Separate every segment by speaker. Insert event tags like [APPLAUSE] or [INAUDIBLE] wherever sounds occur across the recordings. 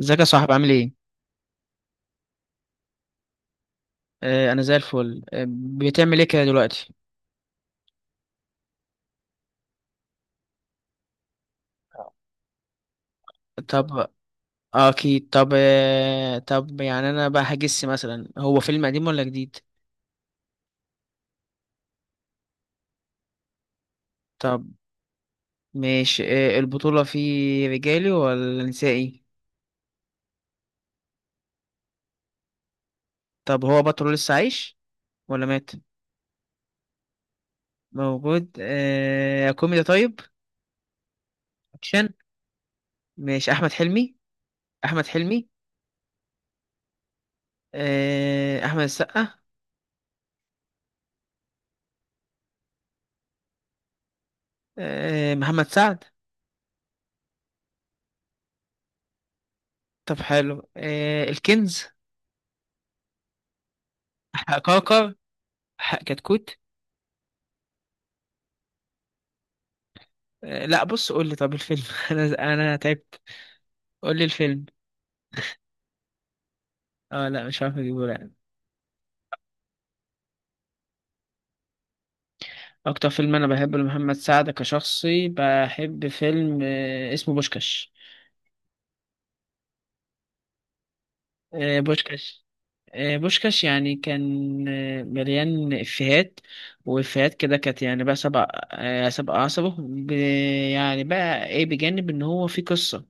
Speaker 1: ازيك يا صاحبي؟ عامل ايه؟ آه، انا زي الفل. بتعمل ايه كده دلوقتي؟ طب، اكيد. طب، طب، يعني انا بقى هجس، مثلا هو فيلم قديم ولا جديد؟ طب، ماشي. البطولة فيه رجالي ولا نسائي؟ طب، هو بطل لسه عايش ولا مات؟ موجود. آه، كوميدي طيب؟ اكشن. ماشي، احمد حلمي. احمد حلمي. آه، احمد السقا. آه، محمد سعد. طب حلو. آه، الكنز؟ [LAUGHS] حقاقر؟ حق كتكوت؟ آه، لا بص، قول لي طب الفيلم. [LAUGHS] انا تعبت، قول لي الفيلم. اه لا، مش عارف اجيبه، لا. اكتر فيلم انا بحبه لمحمد سعد كشخصي، بحب فيلم اسمه بوشكاش. آه، بوشكاش. آه، بوشكاش يعني كان مليان افيهات، وافيهات كده، كانت يعني بقى سبع عصبه يعني بقى ايه، بجانب ان هو في قصة.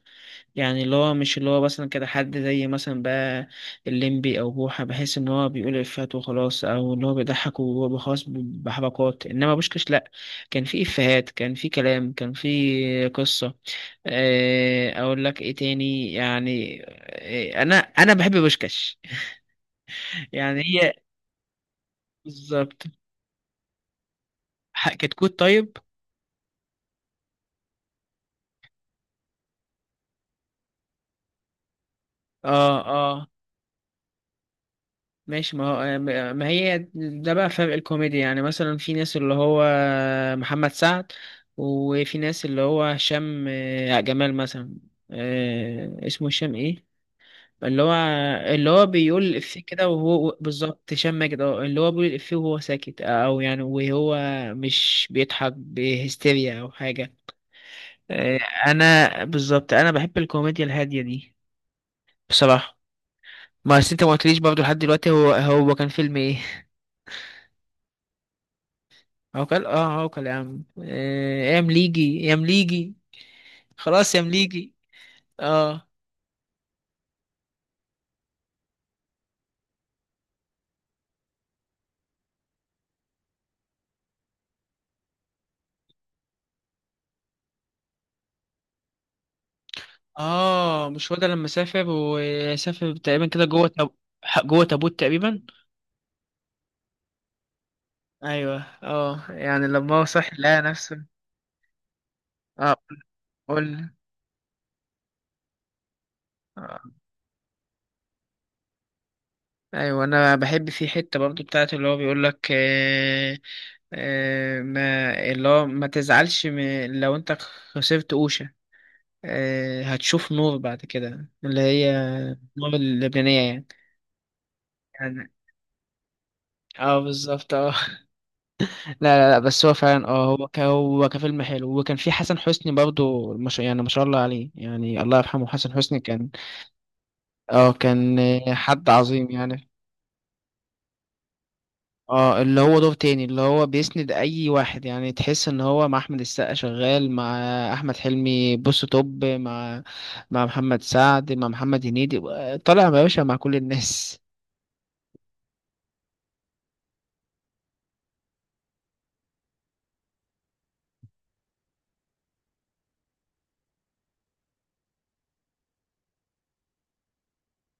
Speaker 1: يعني اللي هو مش اللي هو مثلا كده حد زي مثلا بقى الليمبي او بوحة، بحس ان هو بيقول افيهات وخلاص، او اللي هو بيضحك وهو خلاص بحبكات. انما بوشكش لا، كان في افيهات، كان في كلام، كان في قصة. اقول لك ايه تاني؟ يعني انا بحب بوشكش، يعني هي بالظبط. كتكوت طيب؟ اه. آه. ماشي. ما هي ده بقى فرق الكوميديا، يعني مثلا في ناس اللي هو محمد سعد، وفي ناس اللي هو هشام، جمال مثلا. آه، اسمه هشام ايه؟ اللي هو اللي هو بيقول الإفيه كده وهو بالظبط، هشام ماجد، اه، اللي هو بيقول الإفيه وهو ساكت، او يعني وهو مش بيضحك بهستيريا او حاجة. آه. انا بالظبط بحب الكوميديا الهادية دي بصراحة. ما أصل انت ما قلتليش برضه لحد دلوقتي هو كان فيلم ايه؟ عوكل، اه عوكل يا عم. آه، يا مليجي، يا مليجي، خلاص يا مليجي. اه، اه، مش هو ده لما سافر وسافر تقريبا كده جوه تابوت تقريبا؟ ايوه، اه، يعني لما هو صحي لقى نفسه. اه، قول. آه. ايوه، انا بحب في حته برضو بتاعت اللي هو بيقول لك، ما اللي هو ما تزعلش لو انت خسرت قوشة، هتشوف نور بعد كده، اللي هي النور اللبنانية يعني. اه بالظبط، اه. [LAUGHS] لا لا لا، بس هو فعلا اه، هو هو كفيلم حلو. وكان في حسن حسني برضو، مش يعني ما شاء الله عليه يعني، الله يرحمه. حسن حسني كان، اه كان حد عظيم يعني. اه، اللي هو دور تاني، اللي هو بيسند اي واحد، يعني تحس ان هو مع احمد السقا شغال، مع احمد حلمي بص توب، مع محمد سعد، مع محمد هنيدي، طالع يا باشا، مع كل الناس.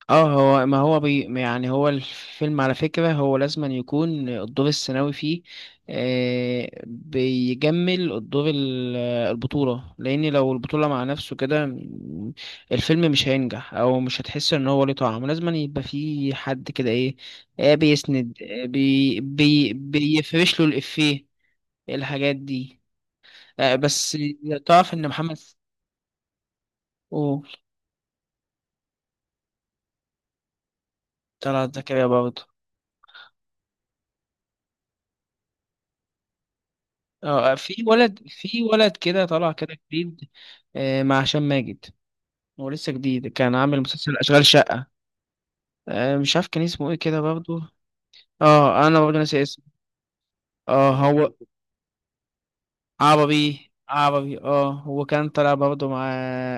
Speaker 1: اه، هو ما هو بي يعني هو الفيلم على فكرة، هو لازم أن يكون الدور الثانوي فيه آه بيجمل الدور البطولة. لأن لو البطولة مع نفسه كده الفيلم مش هينجح، أو مش هتحس إن هو ليه طعم. لازم أن يبقى فيه حد كده إيه، آه بيسند، آه بي بي بيفرش له الإفيه، الحاجات دي. آه بس، تعرف إن محمد، أوه. طلعت زكريا برضه. اه، في ولد، في ولد كده طلع كده جديد، آه، مع هشام ماجد. هو لسه جديد، كان عامل مسلسل أشغال شقة، آه، مش عارف كان اسمه ايه كده برضو. اه، انا برضو ناسي اسمه. اه، هو عربي، عربي. اه، هو كان طلع برضو مع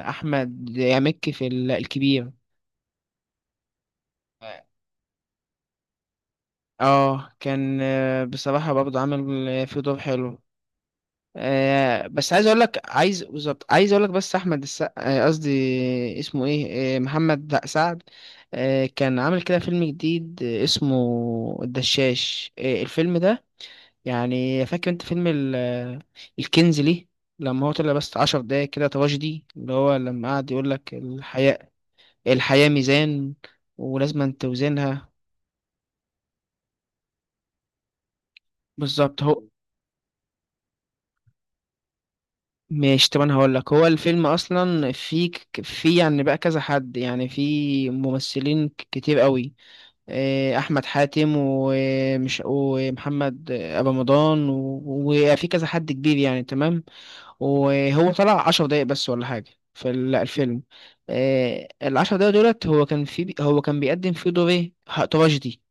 Speaker 1: احمد يامكي في الكبير. اه كان آه، بصراحة برضو عامل آه، فيه دور حلو. آه بس عايز بالظبط اقول لك، بس احمد السقا، آه قصدي اسمه ايه، آه محمد، لأ، سعد، آه كان عامل كده فيلم جديد، آه، اسمه الدشاش، آه الفيلم ده. يعني فاكر انت فيلم الكنز ليه، لما هو طلع بس 10 دقايق كده تراجيدي، اللي هو لما قعد يقول لك: الحياة ميزان، ولازم توزنها. بالظبط، هو. ماشي، طب انا هقول لك، هو الفيلم اصلا في في يعني بقى كذا حد، يعني في ممثلين كتير قوي، آه، احمد حاتم، ومش ومحمد ابو رمضان وفي كذا حد كبير يعني، تمام. وهو طلع 10 دقايق بس ولا حاجه في الفيلم. آه، ال10 دقايق دولت هو كان في، هو كان بيقدم فيه دور ايه، تراجيدي،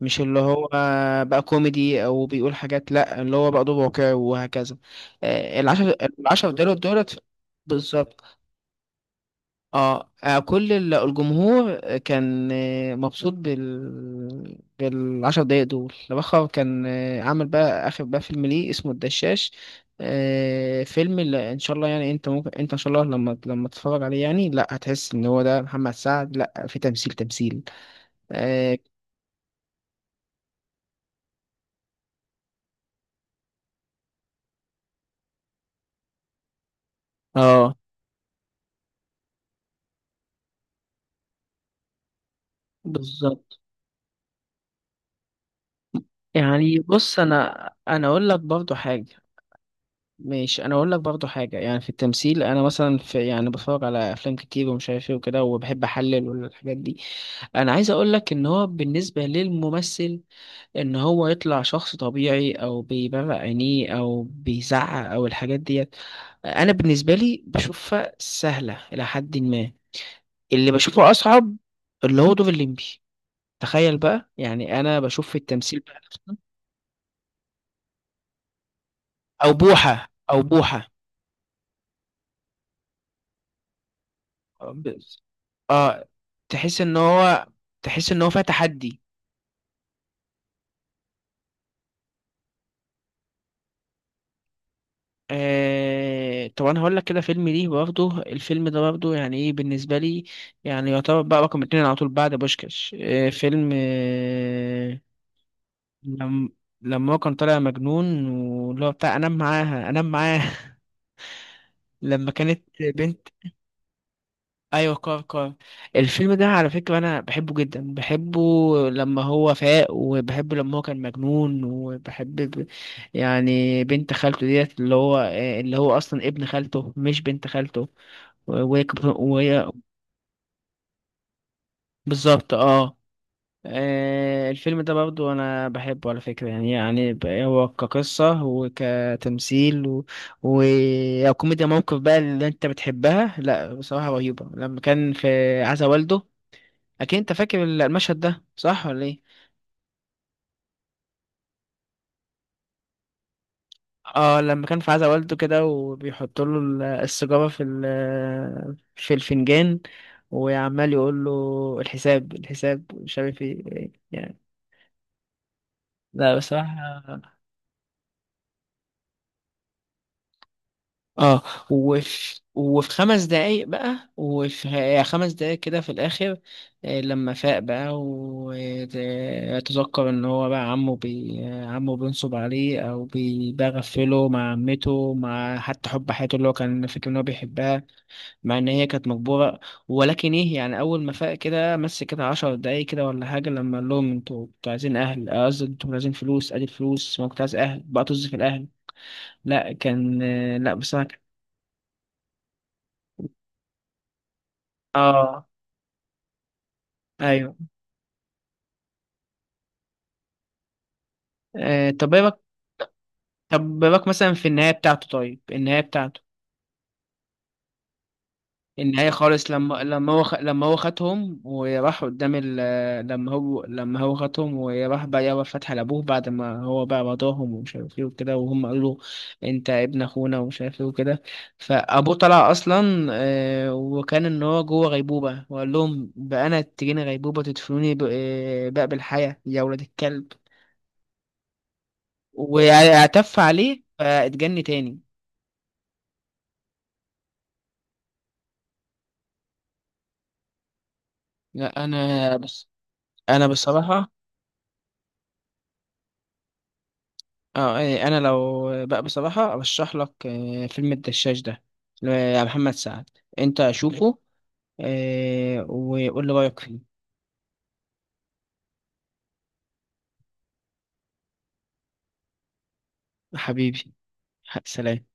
Speaker 1: مش اللي هو بقى كوميدي او بيقول حاجات، لا، اللي هو بقى دوب واقعي وهكذا. آه، العشر العشر دولار دولت. بالظبط. اه، آه، كل الجمهور كان آه، مبسوط بال10 دقايق دول. لبخر كان، آه، عامل بقى اخر بقى فيلم ليه اسمه الدشاش، آه، فيلم اللي ان شاء الله يعني، انت ممكن انت ان شاء الله لما تتفرج عليه يعني، لا هتحس ان هو ده محمد سعد، لا في تمثيل تمثيل. اه. آه، بالظبط. يعني بص، انا اقول لك برضو حاجه. ماشي، انا اقول لك برضو حاجه، يعني في التمثيل، انا مثلا، في يعني بتفرج على افلام كتير ومش عارف ايه وكده، وبحب احلل والحاجات دي. انا عايز اقول لك، ان هو بالنسبه للممثل، ان هو يطلع شخص طبيعي، او بيبرق عينيه، او بيزعق، او الحاجات ديت، انا بالنسبه لي بشوفها سهله الى حد ما. اللي بشوفه اصعب، اللي هو دور الليمبي، تخيل بقى، يعني انا بشوف في التمثيل بقى، او بوحه، او بوحه. بس. اه، تحس ان هو، تحس ان هو فيها تحدي. آه، طب انا هقول لك كده فيلم ليه برضه، الفيلم ده برضه يعني ايه بالنسبه لي، يعني يعتبر بقى رقم 2 على طول بعد بوشكاش، آه، فيلم آه، لما هو كان طالع مجنون، واللي هو بتاع انام معاها، انام معاها، [LAUGHS] لما كانت بنت. ايوه، كار كار، الفيلم ده على فكره انا بحبه جدا، بحبه لما هو فاق، وبحبه لما هو كان مجنون، وبحب يعني بنت خالته ديت، اللي هو، اللي هو اصلا ابن خالته مش بنت خالته، وهي بالظبط. اه. آه، الفيلم ده برضو انا بحبه على فكرة يعني، يعني هو كقصة وكتمثيل وكوميديا موقف بقى اللي انت بتحبها، لا بصراحة رهيبة، لما كان في عزا والده، اكيد انت فاكر المشهد ده صح ولا ايه؟ اه، لما كان في عزا والده كده، وبيحط له السيجاره في في الفنجان، وعمال يقول له: الحساب، الحساب، مش عارف ايه يعني. لا بصراحه، اه. وفي 5 دقايق بقى، وفي يعني 5 دقايق كده في الآخر، آه، لما فاق بقى، وتذكر إن هو بقى عمه عمه بينصب عليه، أو بيغفله مع عمته، مع حتى حب حياته اللي هو كان فاكر إن هو بيحبها، مع إن هي كانت مجبورة. ولكن إيه يعني، أول ما فاق كده مس كده 10 دقايق كده ولا حاجة، لما قال لهم: أنتوا عايزين أهل، آه قصدي أنتوا عايزين فلوس، أدي الفلوس، ما كنت عايز أهل بقى، طز في الأهل. لا كان آه، لا بصراحة. اه، ايوه. آه طب ايه بك، طب إيه بك مثلا في النهايه بتاعته؟ طيب، النهايه بتاعته، النهايه خالص، لما لما هو خدهم وراح قدام لما هو هو خدهم وراح بقى، يابا فتح لابوه، بعد ما هو بقى رضاهم ومش عارف ايه وكده، وهم قالوا له انت ابن اخونا ومش عارف ايه وكده، فابوه طلع اصلا آه وكان ان هو جوه غيبوبه، وقال لهم بقى: انا تجيني غيبوبه تدفنوني ب... آه، بقى بالحياه يا ولاد الكلب، واعتف عليه فاتجن تاني. لا انا بس، انا بصراحه، اه، إيه، انا لو بقى بصراحه ارشح لك، آه، فيلم الدشاش ده لمحمد سعد، انت شوفه آه، وقول لي رايك فيه. حبيبي، سلام.